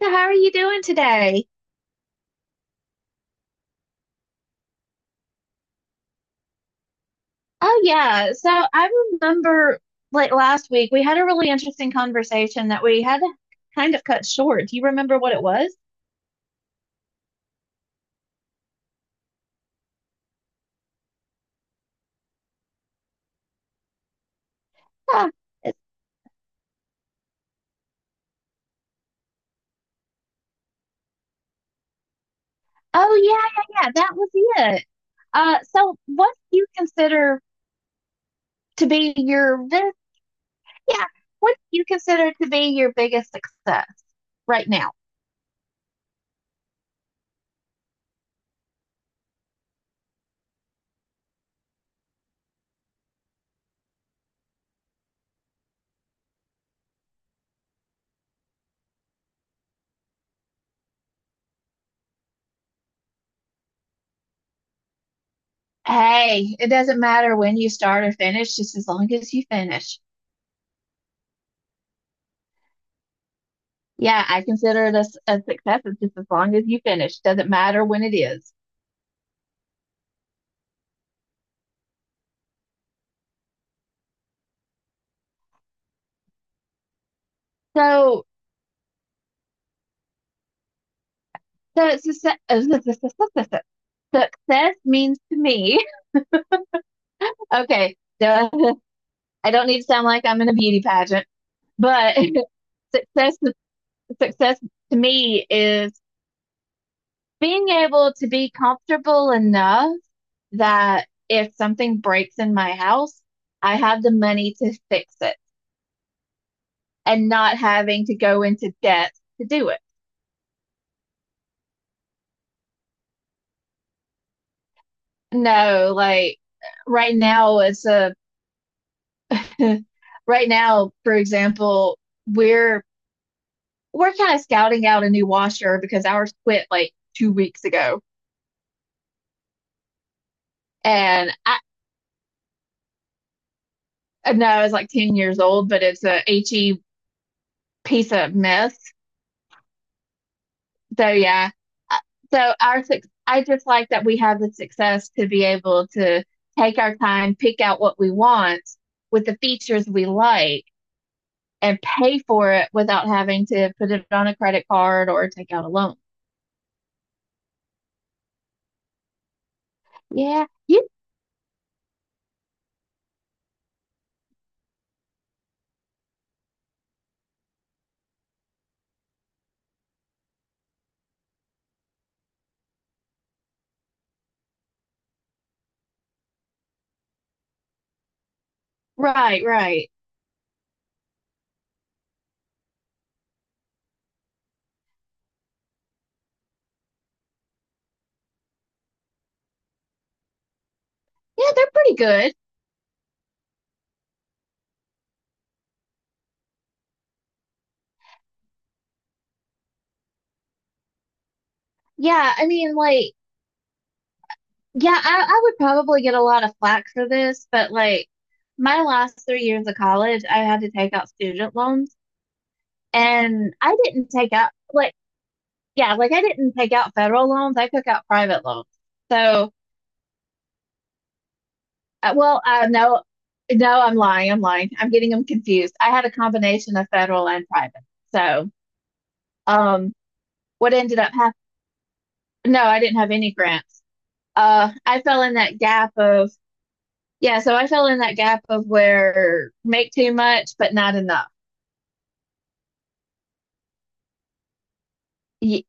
So how are you doing today? Oh yeah. So I remember like last week we had a really interesting conversation that we had to kind of cut short. Do you remember what it was? Huh. It's- Oh yeah, yeah, yeah. That was it. So what do you consider to be yeah, what do you consider to be your biggest success right now? Hey, it doesn't matter when you start or finish, just as long as you finish. Yeah, I consider it a success. It's just as long as you finish. Doesn't matter when it is. So, so it's a, se- uh, su- su- su- su- Success means to me. Okay, so I don't need to sound like I'm in a beauty pageant, but success success to me is being able to be comfortable enough that if something breaks in my house, I have the money to fix it and not having to go into debt to do it. No, like right now it's a right now, for example, we're we're kind of scouting out a new washer because ours quit like 2 weeks ago. And I know I was like 10 years old, but it's a HE piece of mess. So yeah. Uh, I just like that we have the success to be able to take our time, pick out what we want with the features we like and pay for it without having to put it on a credit card or take out a loan. Yeah, you right, right. Yeah, they're pretty good. Yeah, I mean, like, yeah, I would probably get a lot of flack for this, but like my last 3 years of college, I had to take out student loans and I didn't take out like yeah, like I didn't take out federal loans. I took out private loans. So, well, no, no, I'm lying. I'm lying. I'm getting them confused. I had a combination of federal and private. So Um, what ended up happening? No, I didn't have any grants. I fell in that gap of, yeah, so I fell in that gap of where make too much, but not enough. Ye-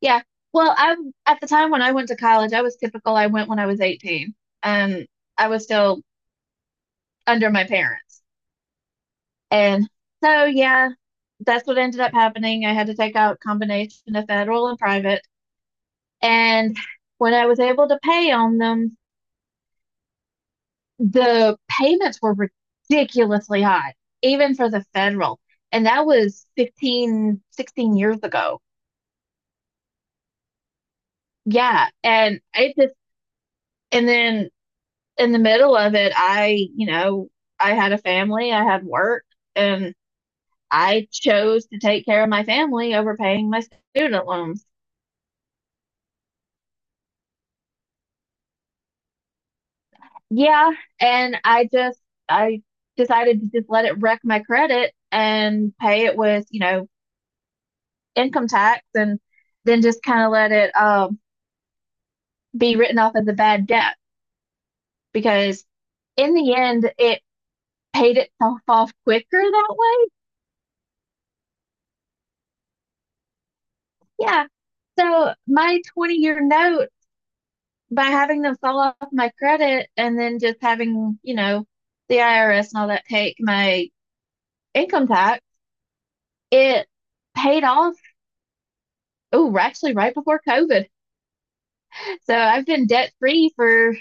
Yeah. Well, I at the time when I went to college, I was typical. I went when I was 18. Um, I was still under my parents. And so, yeah, that's what ended up happening. I had to take out a combination of federal and private. And when I was able to pay on them, the payments were ridiculously high, even for the federal. And that was 15, 16 years ago. Yeah. And then in the middle of it, I had a family, I had work, and I chose to take care of my family over paying my student loans. Yeah. And I decided to just let it wreck my credit and pay it with income tax and then just kind of let it be written off as a bad debt because in the end it paid itself off quicker that way. Yeah. So my 20-year note by having, them sell off my credit and then just having the IRS and all that take my income tax, it paid off. Oh, actually, right before COVID. So I've been debt free for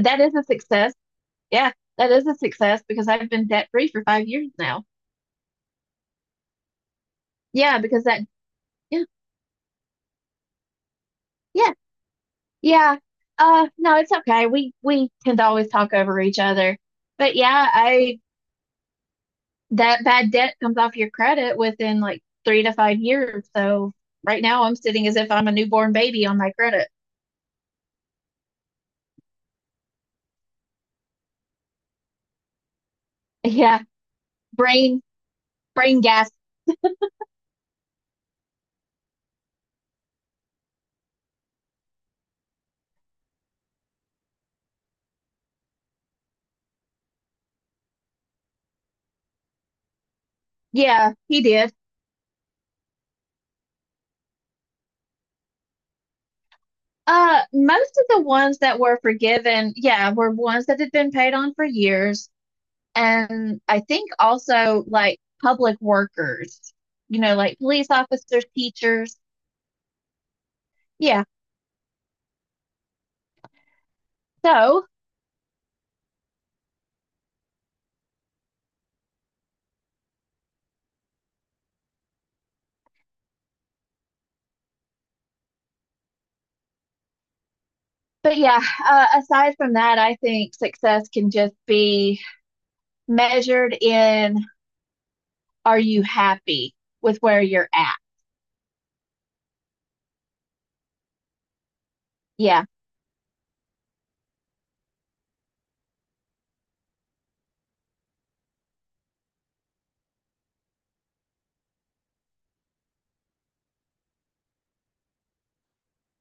that is a success. Yeah, that is a success because I've been debt free for 5 years now. Yeah, because that, yeah, yeah, Yeah. No, it's okay. We tend to always talk over each other. But yeah, I that bad debt comes off your credit within like 3 to 5 years. So right now I'm sitting as if I'm a newborn baby on my credit. Yeah. Brain brain gas. Yeah, he did. Most of the ones that were forgiven, yeah, were ones that had been paid on for years. And I think also like public workers, you know, like police officers, teachers. Yeah. So but yeah, aside from that, I think success can just be measured in are you happy with where you're at? Yeah,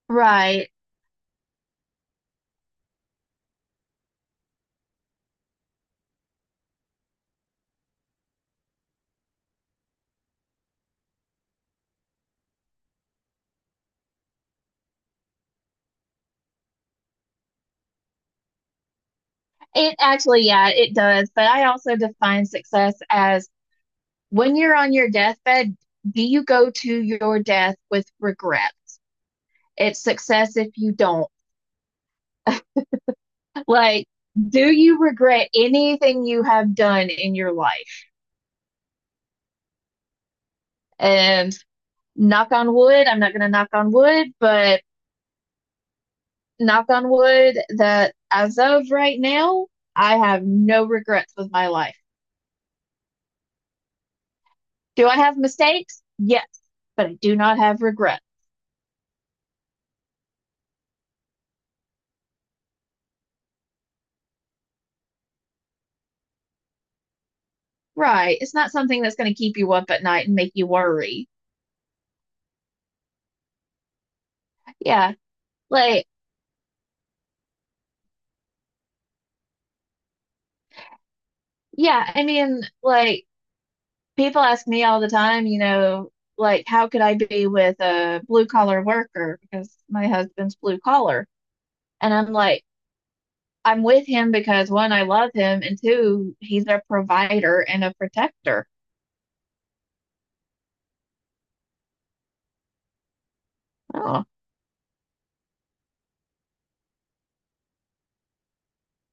right. It actually, yeah, it does. But I also define success as when you're on your deathbed, do you go to your death with regret? It's success if you don't. Like, do you regret anything you have done in your life? And knock on wood, I'm not going to knock on wood, but knock on wood, that as of right now, I have no regrets with my life. Do I have mistakes? Yes, but I do not have regrets. Right. It's not something that's going to keep you up at night and make you worry. Yeah. Like, yeah, I mean, like, people ask me all the time, you know, like, how could I be with a blue collar worker? Because my husband's blue collar. And I'm like, I'm with him because one, I love him, and two, he's a provider and a protector. Oh,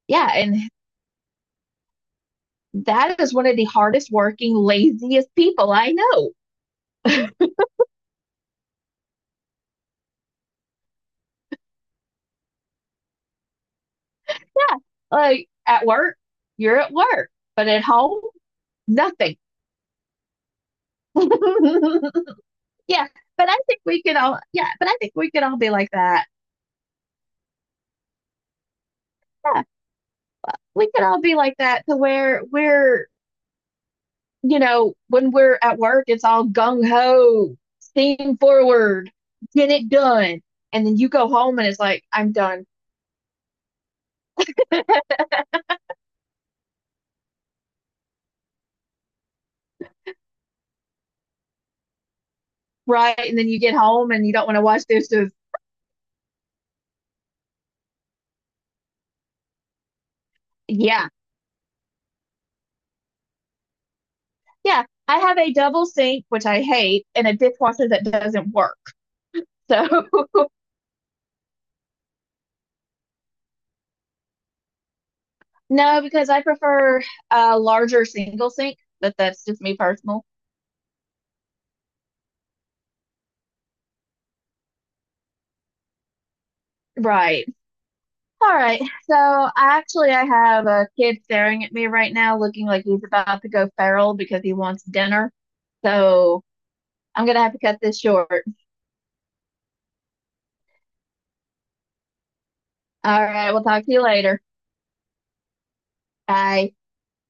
yeah, and that is one of the hardest working, laziest people I know. Yeah, like at work, you're at work, but at home, nothing. Yeah, but I think we can all be like that. Yeah, we can all be like that to where we're, you know, when we're at work, it's all gung ho, steam forward, get it done. And then you go home and it's like, I'm done, right? And then you get home and you don't want to watch this. Yeah. Yeah, I have a double sink, which I hate, and a dishwasher that doesn't work. So no, because I prefer a larger single sink, but that's just me personal. Right. All right. So I actually I have a kid staring at me right now looking like he's about to go feral because he wants dinner. So I'm gonna have to cut this short. All right, we'll talk to you later. Bye.